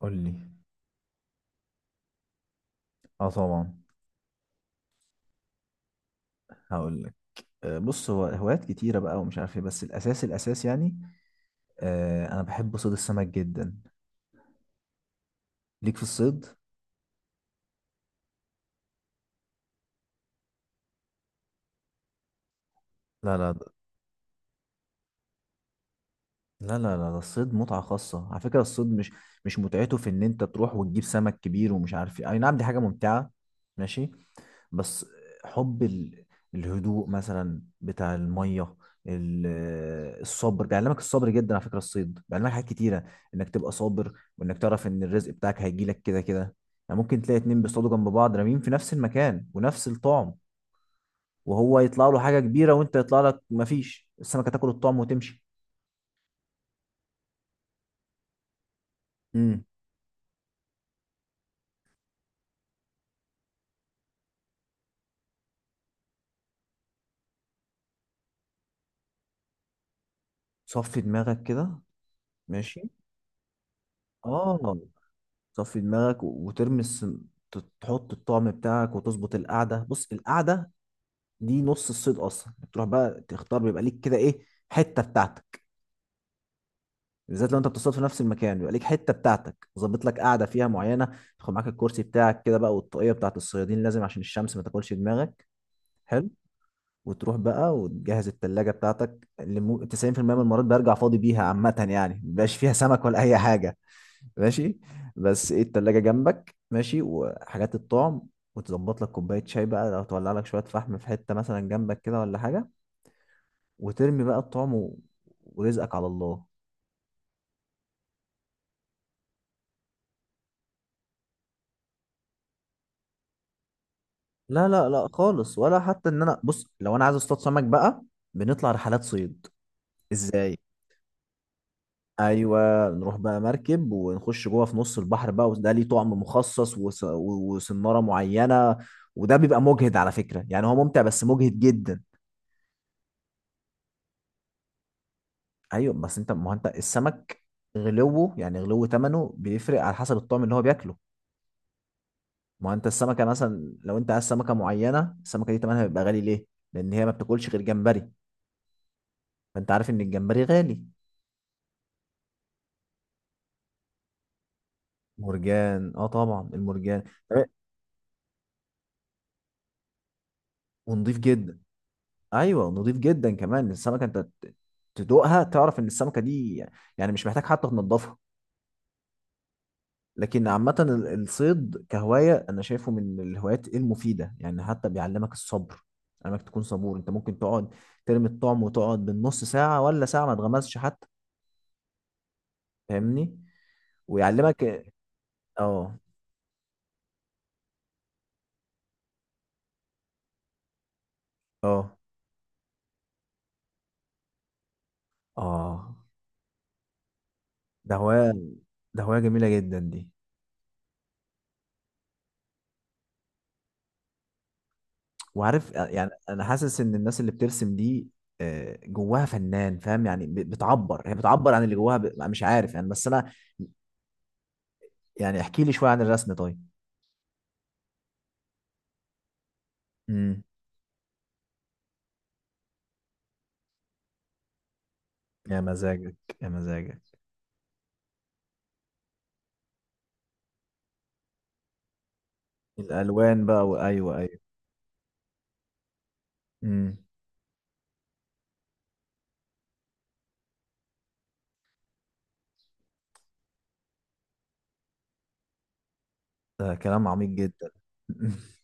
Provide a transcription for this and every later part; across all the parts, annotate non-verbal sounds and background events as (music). قول لي. اه طبعا. هقول لك. بص، هو هوايات كتيرة بقى ومش عارف ايه، بس الأساس يعني. أنا بحب صيد السمك جدا. ليك في الصيد؟ لا لا. لا لا لا، ده الصيد متعة خاصة على فكرة. الصيد مش متعته في إن أنت تروح وتجيب سمك كبير ومش عارف ايه، أي نعم دي حاجة ممتعة. ماشي. بس حب الهدوء مثلا بتاع الميه. ال- الصبر، بيعلمك الصبر جدا على فكره، الصيد بيعلمك حاجات كتيره، انك تبقى صابر، وانك تعرف ان الرزق بتاعك هيجيلك كده كده. يعني ممكن تلاقي اتنين بيصطادوا جنب بعض راميين في نفس المكان ونفس الطعم، وهو يطلع له حاجه كبيره، وانت يطلع لك مفيش، السمكه تاكل الطعم وتمشي. امم. صفي دماغك كده. ماشي. اه، صفي دماغك تحط الطعم بتاعك وتظبط القعده، بص القعده دي نص الصيد اصلا. بتروح بقى تختار، بيبقى ليك كده ايه، حته بتاعتك. بالذات لو انت بتصطاد في نفس المكان بيبقى ليك حته بتاعتك، ظابط لك قاعده فيها معينه، تاخد معاك الكرسي بتاعك كده بقى، والطاقيه بتاعت الصيادين لازم عشان الشمس ما تاكلش دماغك. حلو. وتروح بقى وتجهز التلاجة بتاعتك، 90% من المرات برجع فاضي بيها عامة، يعني مبقاش فيها سمك ولا أي حاجة. ماشي. بس ايه، التلاجة جنبك ماشي وحاجات الطعم، وتظبط لك كوباية شاي بقى، لو تولع لك شوية فحم في حتة مثلا جنبك كده ولا حاجة، وترمي بقى الطعم ورزقك على الله. لا لا لا خالص، ولا حتى ان انا، بص لو انا عايز اصطاد سمك بقى، بنطلع رحلات صيد. ازاي؟ ايوه، نروح بقى مركب ونخش جوه في نص البحر بقى، وده ليه طعم مخصص وسناره معينه. وده بيبقى مجهد على فكره، يعني هو ممتع بس مجهد جدا. ايوه بس انت، ما هو انت السمك غلوه يعني، غلو ثمنه بيفرق على حسب الطعم اللي هو بياكله. ما هو انت السمكه مثلا، لو انت عايز سمكه معينه، السمكه دي تمنها بيبقى غالي ليه؟ لان هي ما بتاكلش غير جمبري. فانت عارف ان الجمبري غالي. مرجان، اه طبعا المرجان. إيه؟ ونضيف جدا. ايوه نضيف جدا، كمان السمكه انت تدوقها تعرف ان السمكه دي، يعني مش محتاج حتى تنضفها. لكن عامه، الصيد كهوايه انا شايفه من الهوايات المفيده، يعني حتى بيعلمك الصبر، انك تكون صبور. انت ممكن تقعد ترمي الطعم وتقعد بالنص ساعه ولا ساعه ما تغمزش حتى، فاهمني؟ ويعلمك. اه اه اه، ده هواية، ده هواية جميلة جدا دي. وعارف، يعني انا حاسس ان الناس اللي بترسم دي، جواها فنان، فاهم يعني؟ بتعبر هي بتعبر عن اللي جواها مش عارف يعني، بس انا يعني، احكي لي شوية عن الرسم طيب. امم. يا مزاجك، يا مزاجك. الالوان بقى، وايوه ايوه. امم. ده كلام عميق جدا. (laughs)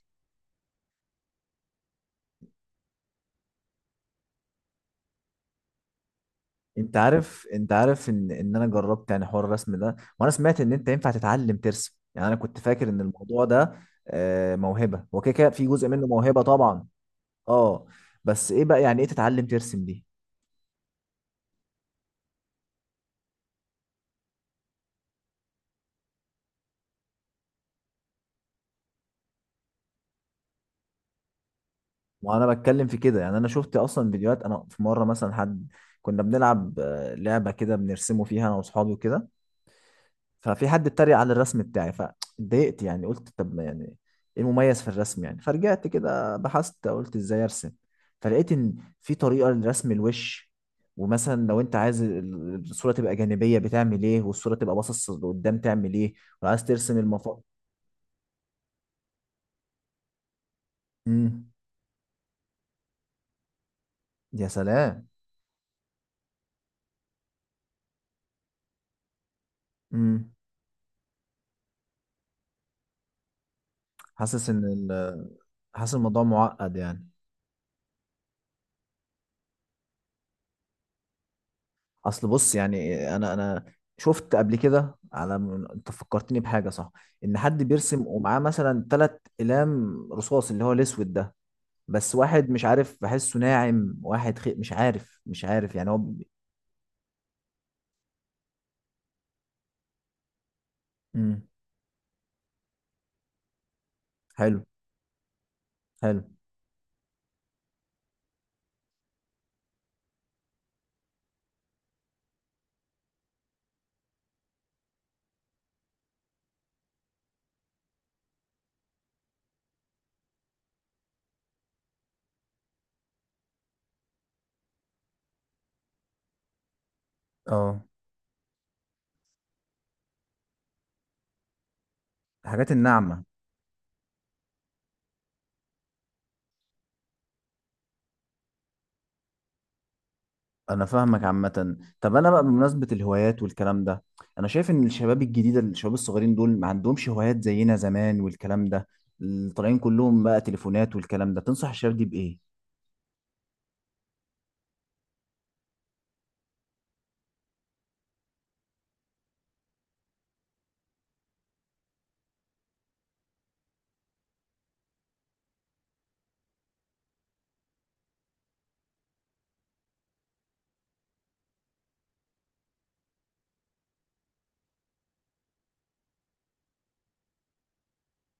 انت عارف ان انا جربت، يعني حوار الرسم ده، وانا سمعت ان انت ينفع تتعلم ترسم، يعني انا كنت فاكر ان الموضوع ده، موهبه. هو كده كده في جزء منه موهبه طبعا. اه. بس ايه بقى، يعني ايه تتعلم ترسم دي؟ وانا بتكلم في كده، يعني انا شفت اصلا فيديوهات. انا في مره مثلا حد، كنا بنلعب لعبه كده بنرسمه فيها انا واصحابي وكده، ففي حد اتريق على الرسم بتاعي، فاتضايقت، يعني قلت طب ما يعني ايه المميز في الرسم يعني، فرجعت كده بحثت قلت ازاي ارسم. فلقيت ان في طريقة لرسم الوش، ومثلا لو انت عايز الصورة تبقى جانبية بتعمل ايه، والصورة تبقى باصص لقدام تعمل ايه، وعايز ترسم المفاصل. امم. يا سلام. امم. حاسس ان حاسس الموضوع معقد يعني. اصل بص يعني، انا شفت قبل كده على انت فكرتني بحاجه صح، ان حد بيرسم ومعاه مثلا ثلاث اقلام رصاص، اللي هو الاسود ده، بس واحد مش عارف بحسه ناعم، واحد مش عارف يعني، هو امم. حلو. حلو. اه، الحاجات الناعمه. انا فاهمك عامه. طب انا بقى بمناسبه الهوايات والكلام ده، انا شايف ان الشباب الجديده، الشباب الصغيرين دول ما عندهمش هوايات زينا زمان والكلام ده، طالعين كلهم بقى تليفونات والكلام ده، تنصح الشباب دي بايه؟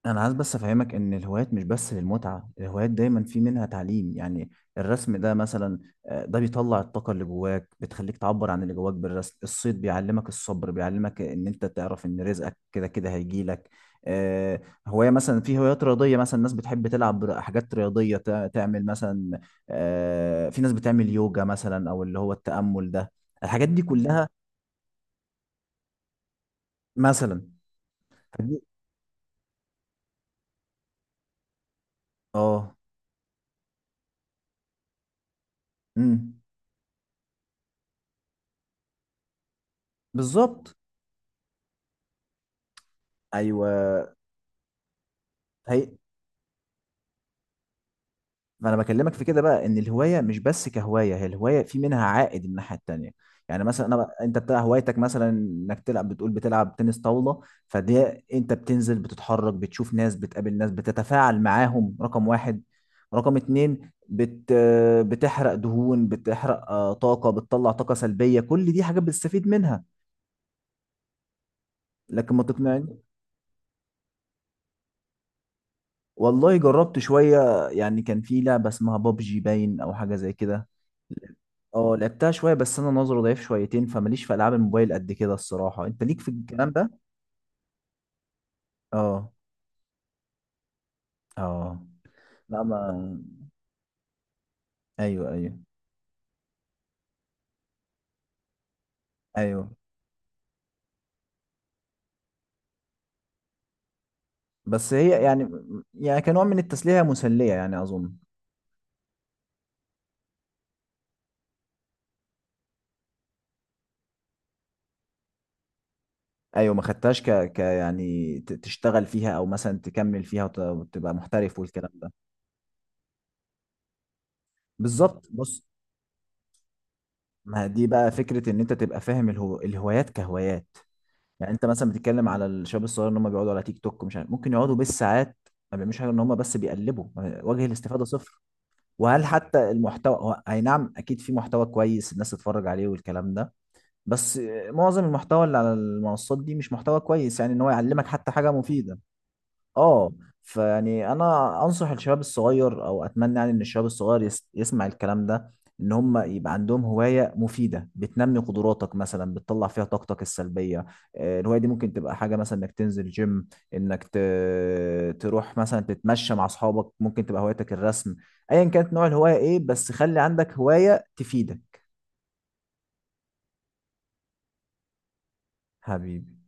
انا عايز بس افهمك ان الهوايات مش بس للمتعه، الهوايات دايما في منها تعليم يعني. الرسم ده مثلا، ده بيطلع الطاقه اللي جواك، بتخليك تعبر عن اللي جواك بالرسم. الصيد بيعلمك الصبر، بيعلمك ان انت تعرف ان رزقك كده كده هيجي لك. آه، هوايه مثلا، في هوايات رياضيه مثلا، الناس بتحب تلعب حاجات رياضيه، تعمل مثلا، في ناس بتعمل يوجا مثلا، او اللي هو التامل ده، الحاجات دي كلها مثلا. فدي- اه. امم. بالظبط. ايوه. هي، ما انا بكلمك في كده بقى، ان الهوايه مش بس كهوايه، هي الهوايه في منها عائد من الناحيه التانيه. يعني مثلا، انت بتاع هوايتك مثلا، انك تلعب بتقول بتلعب تنس طاوله، فدي، انت بتنزل، بتتحرك، بتشوف ناس، بتقابل ناس، بتتفاعل معاهم، رقم واحد. رقم اتنين، بتحرق دهون، بتحرق طاقه، بتطلع طاقه سلبيه، كل دي حاجات بتستفيد منها. لكن ما تقنعني، والله جربت شويه يعني، كان في لعبه اسمها بابجي باين او حاجه زي كده. اه لعبتها شويه، بس انا نظري ضعيف شويتين، فماليش في العاب الموبايل قد كده الصراحه. انت ليك في الكلام ده؟ اه اه. لا، ما ايوه ايوه ايوه. بس هي يعني، يعني كنوع من التسليه هي مسليه يعني اظن. ايوه، ما خدتهاش ك... ك يعني تشتغل فيها، او مثلا تكمل فيها وتبقى محترف والكلام ده. بالظبط بص، ما دي بقى فكره ان انت تبقى فاهم الهوايات كهوايات. يعني انت مثلا بتتكلم على الشباب الصغير ان هم بيقعدوا على تيك توك، مش عارف ممكن يقعدوا بالساعات ما بيعملوش حاجه، ان هم بس بيقلبوا. وجه الاستفاده صفر. وهل حتى المحتوى، هو اي نعم اكيد في محتوى كويس الناس تتفرج عليه والكلام ده، بس معظم المحتوى اللي على المنصات دي مش محتوى كويس، يعني ان هو يعلمك حتى حاجه مفيده. اه. فيعني انا انصح الشباب الصغير، او اتمنى يعني ان الشباب الصغير يسمع الكلام ده، ان هم يبقى عندهم هواية مفيدة بتنمي قدراتك، مثلا بتطلع فيها طاقتك السلبية. الهواية دي ممكن تبقى حاجة مثلا انك تنزل جيم، انك تروح مثلا تتمشى مع اصحابك، ممكن تبقى هوايتك الرسم. ايا كانت نوع الهواية ايه، بس خلي عندك هواية تفيدك. حبيبي.